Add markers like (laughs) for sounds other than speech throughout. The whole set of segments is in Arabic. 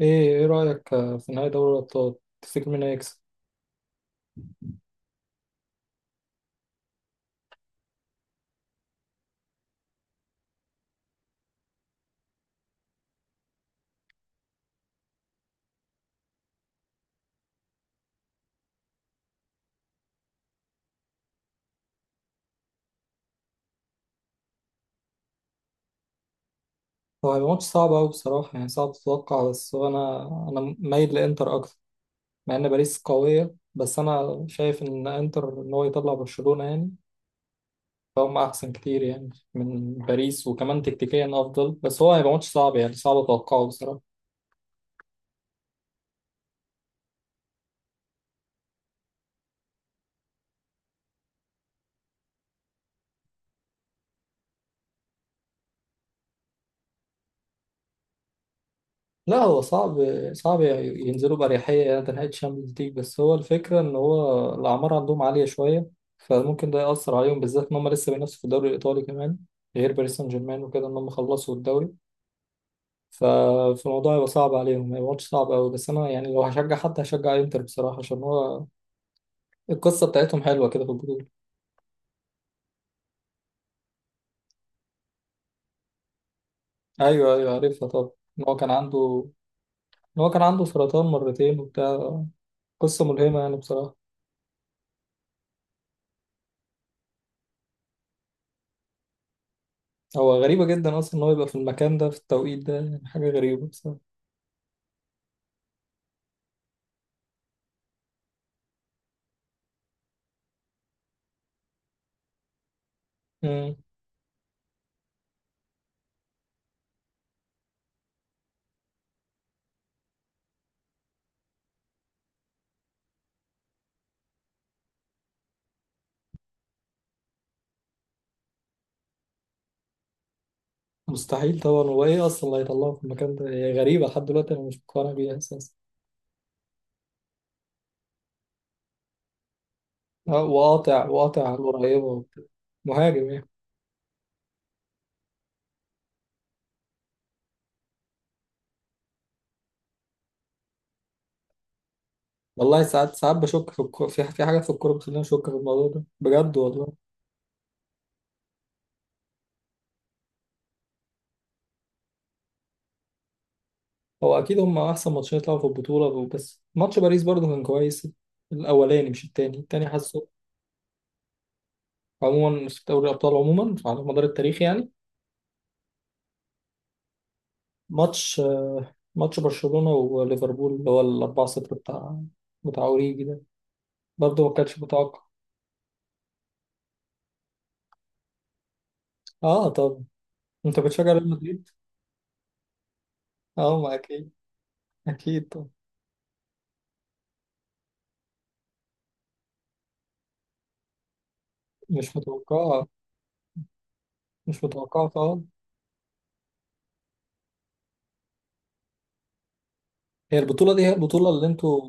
ايه رأيك في نهائي دوري الأبطال. تفتكر مين هيكسب؟ هو هيبقى ماتش صعب أوي بصراحة، يعني صعب تتوقع. بس هو أنا مايل لإنتر أكتر. مع إن باريس قوية، بس أنا شايف إن إنتر، إن هو يطلع برشلونة يعني فهم أحسن كتير يعني من باريس، وكمان تكتيكيا أفضل. بس هو هيبقى ماتش صعب، يعني صعب أتوقعه بصراحة. لا هو صعب. صعب ينزلوا بأريحية، يعني نهائي الشامبيونز ليج. بس هو الفكرة إن هو الأعمار عندهم عالية شوية، فممكن ده يأثر عليهم، بالذات إن هم لسه بينافسوا في الدوري الإيطالي كمان، غير باريس سان جيرمان وكده إن هم خلصوا الدوري. ف- فالموضوع هيبقى صعب عليهم، هيبقى ماتش صعب أوي. بس أنا يعني لو هشجع حد هشجع إنتر بصراحة، عشان هو القصة بتاعتهم حلوة كده في البطولة. أيوه، أيوه، عارفها طبعا. إن هو كان عنده إن هو كان عنده سرطان مرتين وبتاع. قصة ملهمة يعني بصراحة. هو غريبة جدا أصلا إن هو يبقى في المكان ده في التوقيت ده، يعني حاجة غريبة بصراحة. مم. مستحيل طبعا. هو إيه أصلا اللي هيطلعه في المكان ده؟ هي غريبة لحد دلوقتي، أنا مش مقتنع بيها أساسا. وقاطع، وقاطع على القريبة وبتاع. مهاجم يعني. والله ساعات ساعات بشك في الكورة، في حاجات في الكورة بتخليني أشك في الموضوع ده بجد والله. هو أكيد هم أحسن ماتشين يطلعوا في البطولة، بس ماتش باريس برضه كان كويس. الأولاني مش التاني. التاني حاسه عموما في دوري الأبطال، عموما على مدار التاريخ يعني. ماتش ماتش برشلونة وليفربول، اللي هو ال 4-0 بتاع اوريجي ده. برضه ما كانش متوقع. اه. طب انت بتشجع ريال مدريد؟ اه ما اكيد. اكيد. طب مش متوقعة، مش متوقعة خالص. هي البطولة دي، هي البطولة اللي انتوا...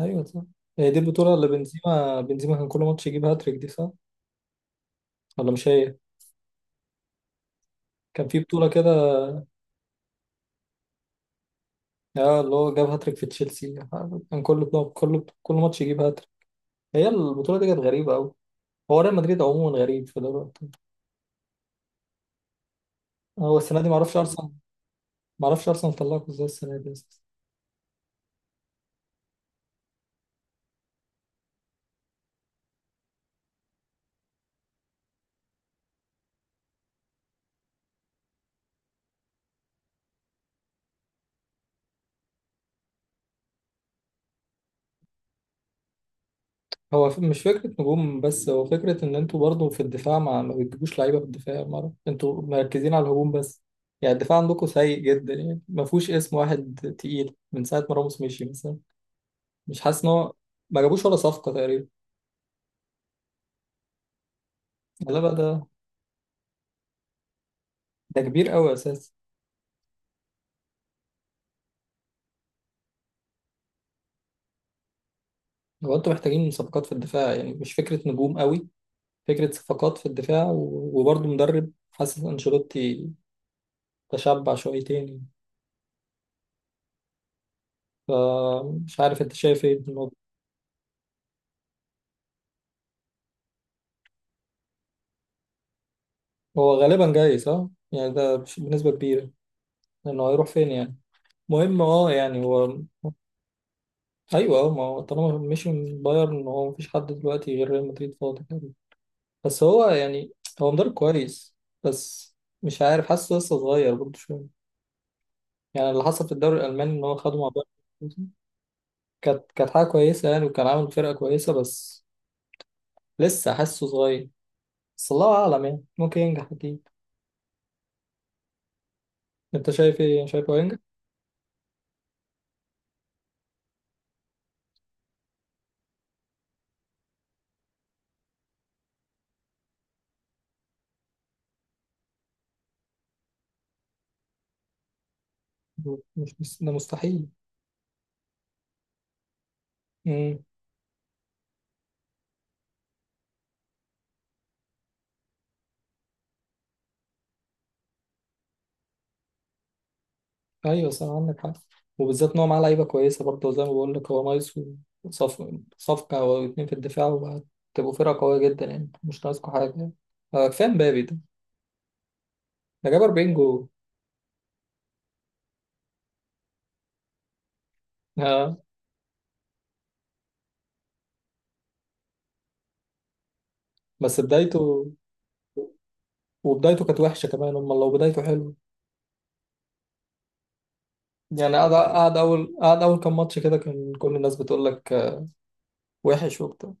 ايوه صح. هي دي البطولة اللي بنزيما كان كل ماتش يجيب هاتريك دي، صح؟ ولا مش هي؟ كان في بطولة كده، اه، اللي هو جاب هاتريك في تشيلسي، كان كل بطولة، كل ماتش يجيب هاتريك. هي البطولة دي كانت غريبة قوي. هو ريال مدريد عموما غريب في دلوقتي. هو السنة دي معرفش أرسنال ما اعرفش ارسنال طلعكوا ازاي السنه دي أساساً. مش فكره نجوم، بس هو فكره ان انتوا برضو في الدفاع ما بتجيبوش لعيبه في الدفاع مره. انتوا مركزين على الهجوم بس، يعني الدفاع عندكم سيء جدا، يعني ما فيهوش اسم واحد تقيل من ساعه ما راموس مشي مثلا. مش حاسس ان هو ما جابوش ولا صفقه تقريبا. لا بقى، ده كبير قوي اساسا. هو انتوا محتاجين صفقات في الدفاع، يعني مش فكره نجوم قوي. فكره صفقات في الدفاع، وبرضو مدرب، حاسس انشيلوتي تشبع شويتين يعني. فمش عارف انت شايف ايه في الموضوع. هو غالبا جاي، صح؟ يعني ده بنسبة كبيرة، لأنه هيروح فين يعني؟ مهم اه، يعني هو أيوه اه، ما هو طالما مشي من بايرن، هو مفيش حد دلوقتي غير ريال مدريد فاضي تقريبا. بس هو يعني هو مدرب كويس، بس مش عارف، حاسه لسه صغير برضه شوية. يعني اللي حصل في الدوري الألماني إن هو خده مع بايرن، كانت حاجة كويسة يعني، وكان عامل فرقة كويسة، بس لسه حاسه صغير. بس الله أعلم يعني، ممكن ينجح أكيد. أنت شايف إيه؟ شايفه هينجح؟ مش ده مستحيل. ايوه صح، عندك حق. وبالذات ان هو معاه لعيبه كويسه برضه، وزي ما بقول لك هو نايس. وصف صفقه او اتنين في الدفاع وهتبقوا فرقه قويه جدا، يعني مش ناقصكوا حاجه يعني. كفايه مبابي ده، ده جاب 40 جول. اه بس بدايته، وبدايته كانت وحشه كمان، امال لو بدايته حلوه؟ يعني قعد اول كام ماتش كده، كان كل الناس بتقول لك آه، وحش وبتاع.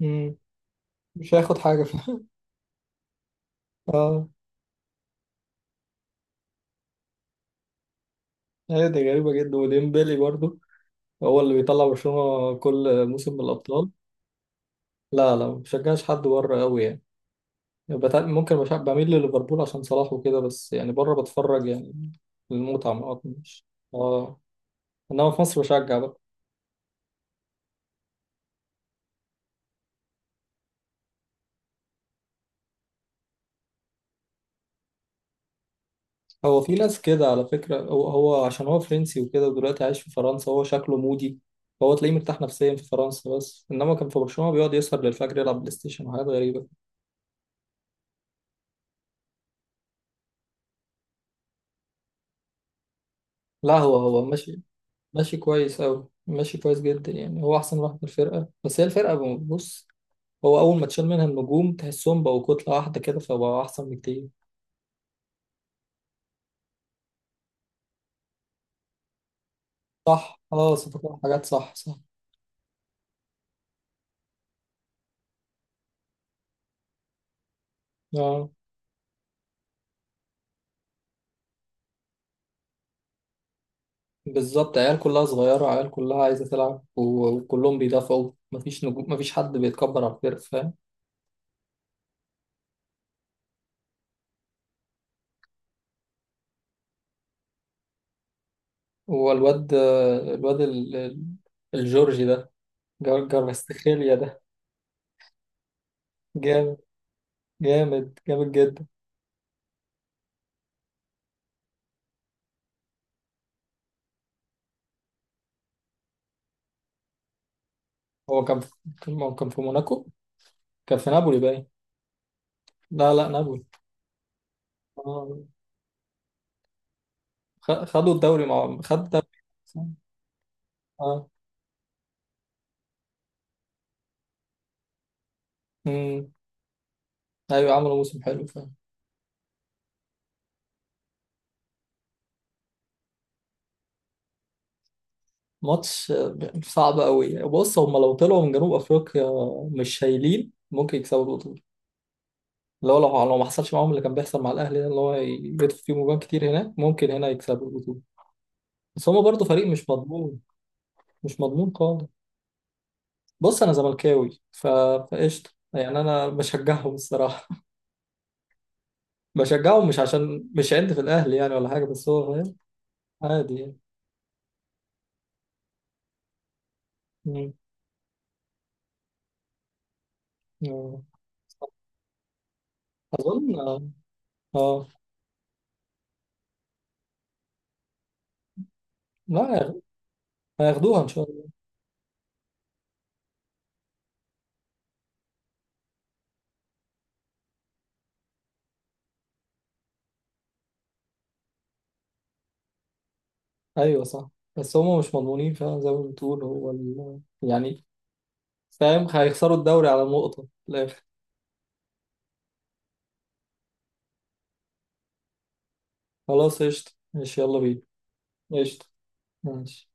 مم، مش هياخد حاجه (laughs) فيه. اه، هي دي غريبه جدا، وديمبلي برضه هو اللي بيطلع برشلونه كل موسم من الابطال. لا، لا، ما بشجعش حد بره قوي يعني. ممكن بميل لليفربول عشان صلاح وكده، بس يعني بره بتفرج يعني للمتعة ما مش. اه انما في مصر بشجع بقى. هو في ناس كده على فكرة، هو عشان هو فرنسي وكده ودلوقتي عايش في فرنسا، هو شكله مودي. هو تلاقيه مرتاح نفسيا في فرنسا، بس انما كان في برشلونة بيقعد يسهر للفجر يلعب بلاي ستيشن وحاجات غريبة. لا هو ماشي، ماشي كويس قوي، ماشي كويس جدا يعني. هو احسن واحد في الفرقة، بس هي الفرقة، بص، هو أول ما تشيل منها النجوم تحسهم بقوا كتلة واحدة كده، فبقوا أحسن بكتير. صح اه، صفقات حاجات، صح صح. اه بالظبط، عيال كلها صغيرة، عيال كلها عايزة تلعب، وكلهم بيدافعوا، مفيش نجوم، مفيش حد بيتكبر على الفرق، فاهم. هو الواد الجورجي ده، جارفستخيليا ده. جامد، جامد جامد جدا. هو كان في هو كان في موناكو. كان في نابولي باين. لا، لا، نابولي. اه، خ- خدوا الدوري مع خد الدوري. اه ايوه، عملوا موسم حلو فعلا. ماتش صعب قوي. بص هم لو طلعوا من جنوب افريقيا مش شايلين، ممكن يكسبوا البطوله. لو ما حصلش معاهم اللي كان بيحصل مع الاهلي ده، اللي هو يجدوا فيهم جوان كتير هناك، ممكن هنا يكسبوا البطوله. بس هم برضه فريق مش مضمون، مش مضمون خالص. بص انا زملكاوي، فقشطه يعني انا بشجعهم الصراحه. بشجعهم مش عشان مش عندي في الاهلي يعني ولا حاجه، بس هو فاهم. عادي يعني. مم. آه. اظن اه. آه. لا، هياخدوها ان شاء الله. ايوه صح، بس هما مش مضمونين فعلا زي ما بتقول. هو يعني فاهم هيخسروا الدوري على نقطة في الآخر. خلاص قشطة، ماشي، يلا بينا. قشطة. ماشي